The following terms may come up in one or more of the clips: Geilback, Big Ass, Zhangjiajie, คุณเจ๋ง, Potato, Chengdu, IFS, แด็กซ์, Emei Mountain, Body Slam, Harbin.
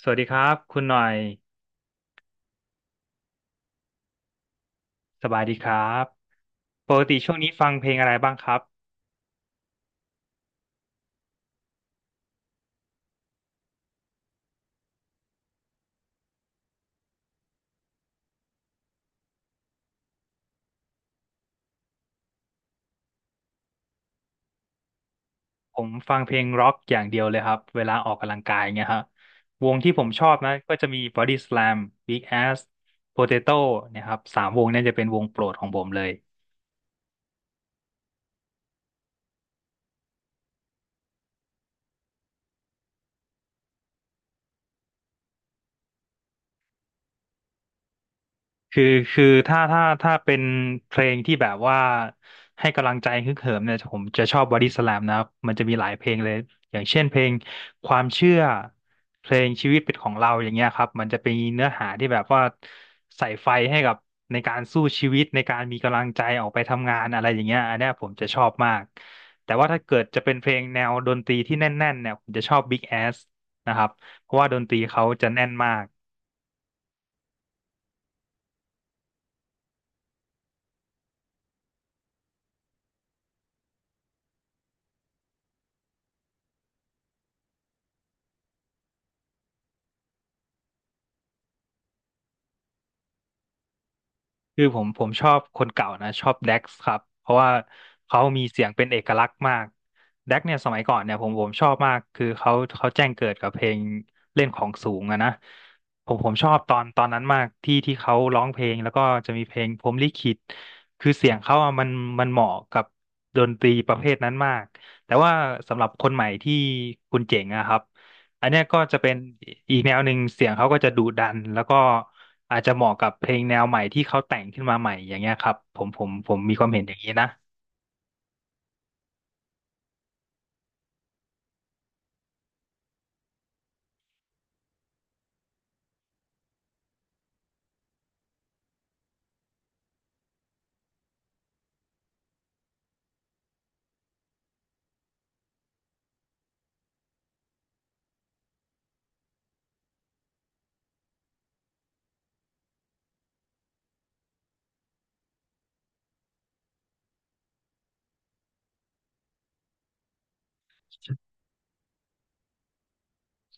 สวัสดีครับคุณหน่อยสบายดีครับปกติช่วงนี้ฟังเพลงอะไรบ้างครับผมฟังเพลงร็อกอย่างเดียวเลยครับเวลาออกกำลังกายเงี้ยฮะวงที่ผมชอบนะก็จะมี Body Slam, Big Ass, Potato เนะครับสามวงเนี้จะเป็นวงโปรดของผมเลย คือคือถ้าถ้าเป็นเพลงที่แบบว่าให้กำลังใจฮึกเหิมเนี่ยผมจะชอบบอดี้สแลมนะครับมันจะมีหลายเพลงเลยอย่างเช่นเพลงความเชื่อเพลงชีวิตเป็นของเราอย่างเงี้ยครับมันจะเป็นเนื้อหาที่แบบว่าใส่ไฟให้กับในการสู้ชีวิตในการมีกำลังใจออกไปทำงานอะไรอย่างเงี้ยอันเนี้ยผมจะชอบมากแต่ว่าถ้าเกิดจะเป็นเพลงแนวดนตรีที่แน่นๆเนี่ยผมจะชอบ Big Ass นะครับเพราะว่าดนตรีเขาจะแน่นมาก คือผมชอบคนเก่านะชอบแด็กซ์ครับเพราะว่าเขามีเสียงเป็นเอกลักษณ์มากแด็กเนี่ยสมัยก่อนเนี่ยผมชอบมากคือเขาเขาแจ้งเกิดกับเพลงเล่นของสูงอะนะผมชอบตอนนั้นมากที่เขาร้องเพลงแล้วก็จะมีเพลงพรหมลิขิตคือเสียงเขาอะมันมันเหมาะกับดนตรีประเภทนั้นมากแต่ว่าสำหรับคนใหม่ที่คุณเจ๋งอะครับ อันเนี้ยก็จะเป็นอีกแนวหนึ่งเสียงเขาก็จะดุดันแล้วก็อาจจะเหมาะกับเพลงแนวใหม่ที่เขาแต่งขึ้นมาใหม่อย่างเงี้ยครับผมมีความเห็นอย่างนี้นะ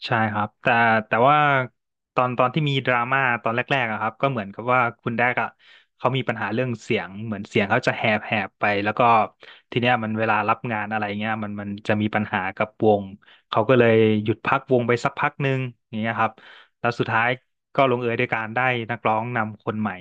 ใช่ครับแต่แต่ว่าตอนที่มีดราม่าตอนแรกๆอะครับก็เหมือนกับว่าคุณแดกอะเขามีปัญหาเรื่องเสียงเหมือนเสียงเขาจะแหบแหบไปแล้วก็ทีเนี้ยมันเวลารับงานอะไรเงี้ยมันมันจะมีปัญหากับวงเขาก็เลยหยุดพักวงไปสักพักหนึ่งอย่างเงี้ยครับแล้วสุดท้ายก็ลงเอยด้วยการได้นักร้องนำคนใหม่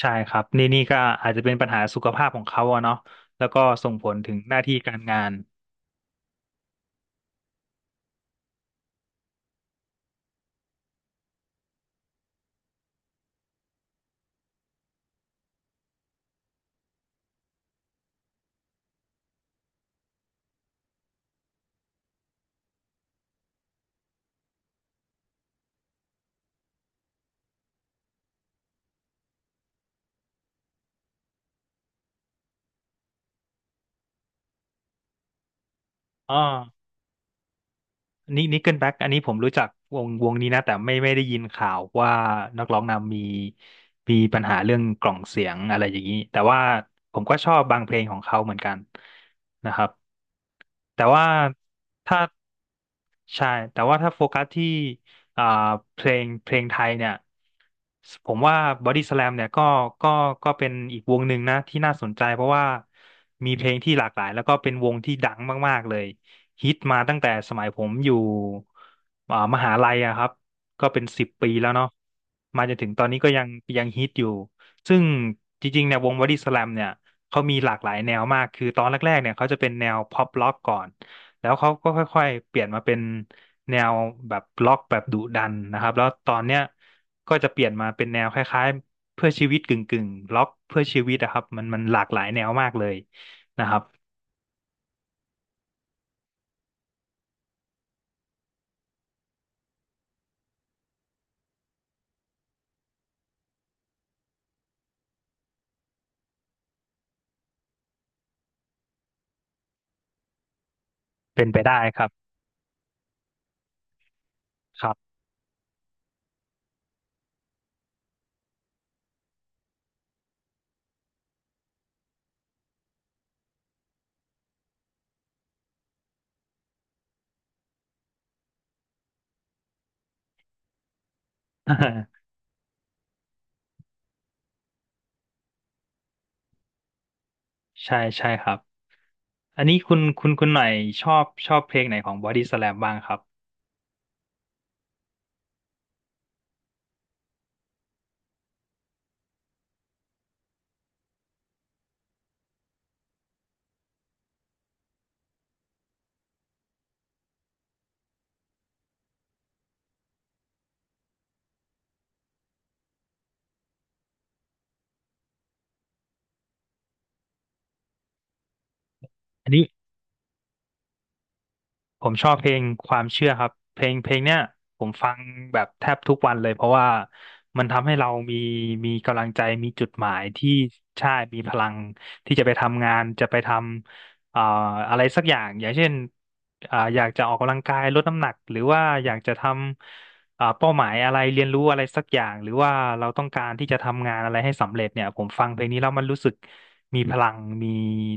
ใช่ครับนี่นี่ก็อาจจะเป็นปัญหาสุขภาพของเขาอะเนาะแล้วก็ส่งผลถึงหน้าที่การงานอ๋อ นี่นี่เกิลแบ็กอันนี้ผมรู้จักวงวงนี้นะแต่ไม่ไม่ได้ยินข่าวว่านักร้องนำมีมีปัญหาเรื่องกล่องเสียงอะไรอย่างนี้แต่ว่าผมก็ชอบบางเพลงของเขาเหมือนกันนะครับแต่ว่าถ้าใช่แต่ว่าถ้าโฟกัสที่อ่าเพลงเพลงไทยเนี่ยผมว่าบอดี้สแลมเนี่ยก็ก็เป็นอีกวงหนึ่งนะที่น่าสนใจเพราะว่ามีเพลงที่หลากหลายแล้วก็เป็นวงที่ดังมากๆเลย ฮิตมาตั้งแต่สมัยผมอยู่มหาลัยอะครับก็เป็น10 ปีแล้วเนาะมาจนถึงตอนนี้ก็ยังยังฮิตอยู่ซึ่งจริงๆเนี่ยวงบอดี้สแลมเนี่ยเขามีหลากหลายแนวมากคือตอนแรกๆเนี่ยเขาจะเป็นแนวพ็อปล็อกก่อนแล้วเขาก็ค่อยๆเปลี่ยนมาเป็นแนวแบบล็อกแบบดุดันนะครับแล้วตอนเนี้ยก็จะเปลี่ยนมาเป็นแนวคล้ายๆเพื่อชีวิตกึ่งๆล็อกเพื่อชีวิตอะครับมันมันหลากหลายแนวมากเลยนะครับเป็นไปได้ครับครับ ใช่ใช่ครับ อันนี้คุณหน่อยชอบชอบเพลงไหนของบอดี้สแลมบ้างครับอันนี้ ผมชอบเพลงความเชื่อครับเพลงเพลงเนี้ยผมฟังแบบแทบทุกวันเลยเพราะว่ามันทำให้เรามีมีกำลังใจมีจุดหมายที่ใช่มีพลังที่จะไปทำงานจะไปทำอะไรสักอย่างอย่างเช่นอยากจะออกกำลังกายลดน้ำหนักหรือว่าอยากจะทำเป้าหมายอะไรเรียนรู้อะไรสักอย่างหรือว่าเราต้องการที่จะทำงานอะไรให้สำเร็จเนี่ยผมฟังเพลงนี้แล้วมันรู้สึกมีพลังมี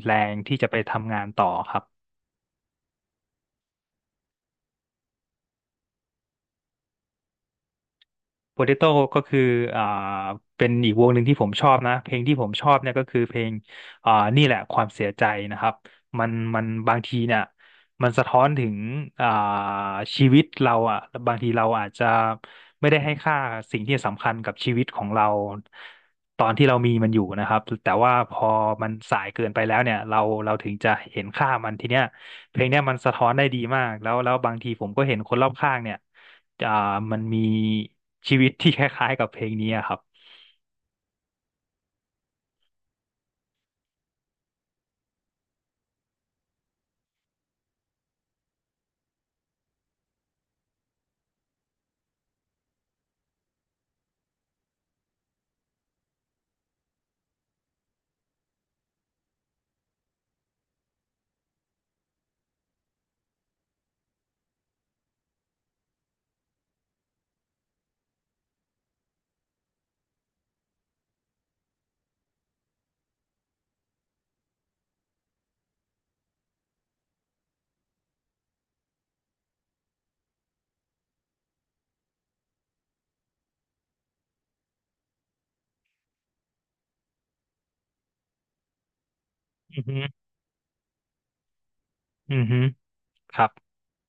แรงที่จะไปทำงานต่อครับ โปเตโต้ก็คืออ่าเป็นอีกวงหนึ่งที่ผมชอบนะเพลงที่ผมชอบเนี่ยก็คือเพลงนี่แหละความเสียใจนะครับมันมันบางทีเนี่ยมันสะท้อนถึงอ่าชีวิตเราอ่ะบางทีเราอาจจะไม่ได้ให้ค่าสิ่งที่สำคัญกับชีวิตของเราตอนที่เรามีมันอยู่นะครับแต่ว่าพอมันสายเกินไปแล้วเนี่ยเราถึงจะเห็นค่ามันทีเนี้ยเพลงเนี้ยมันสะท้อนได้ดีมากแล้วแล้วบางทีผมก็เห็นคนรอบข้างเนี่ย อ่ามันมีชีวิตที่คล้ายๆกับเพลงนี้อะครับอือฮึอือฮึครับ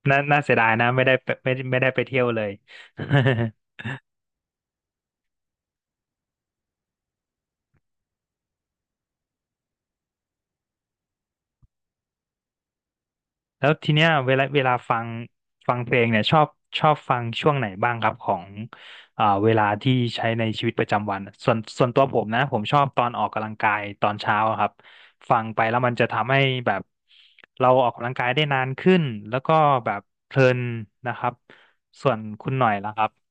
น่าน่าเสียดายนะไม่ได้ไปไม่ได้ไม่ได้ไปเที่ยวเลย แล้วทีเนี้ยเวลาฟังฟังเพลงเนี่ยชอบชอบฟังช่วงไหนบ้างครับของเวลาที่ใช้ในชีวิตประจำวันส่วนตัวผมนะผมชอบตอนออกกำลังกายตอนเช้าอะครับฟังไปแล้วมันจะทำให้แบบเราออกกำลังกายได้นานขึ้นแล้วก็แบบเพลินนะครับส่วนคุณหน่อยล่ะครับ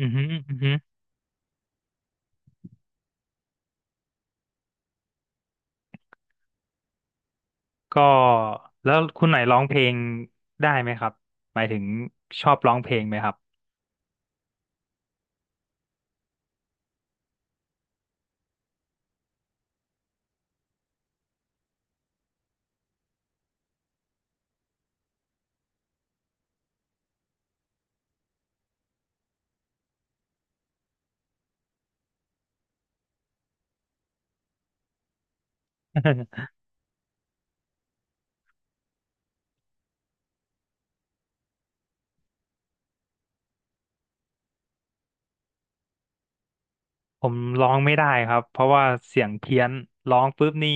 อือฮึอือฮึก็แล้วคุณไหนร้องเพลงได้ไหมครับหมายถึงชอบร้องเพลงไหมครับ ผมร้องไม่ได้ครับเพราะว่าเสียงเพี้ยนร้องปุ๊บนี่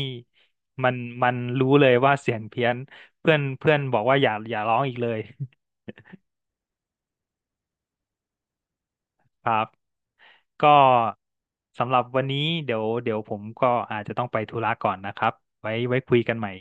มันมันรู้เลยว่าเสียงเพี้ยนเพื่อนเพื่อนบอกว่าอย่าร้องอีกเลย ครับก็สำหรับวันนี้เดี๋ยวผมก็อาจจะต้องไปธุระก่อนนะครับไว้ไว้คุยกันใหม่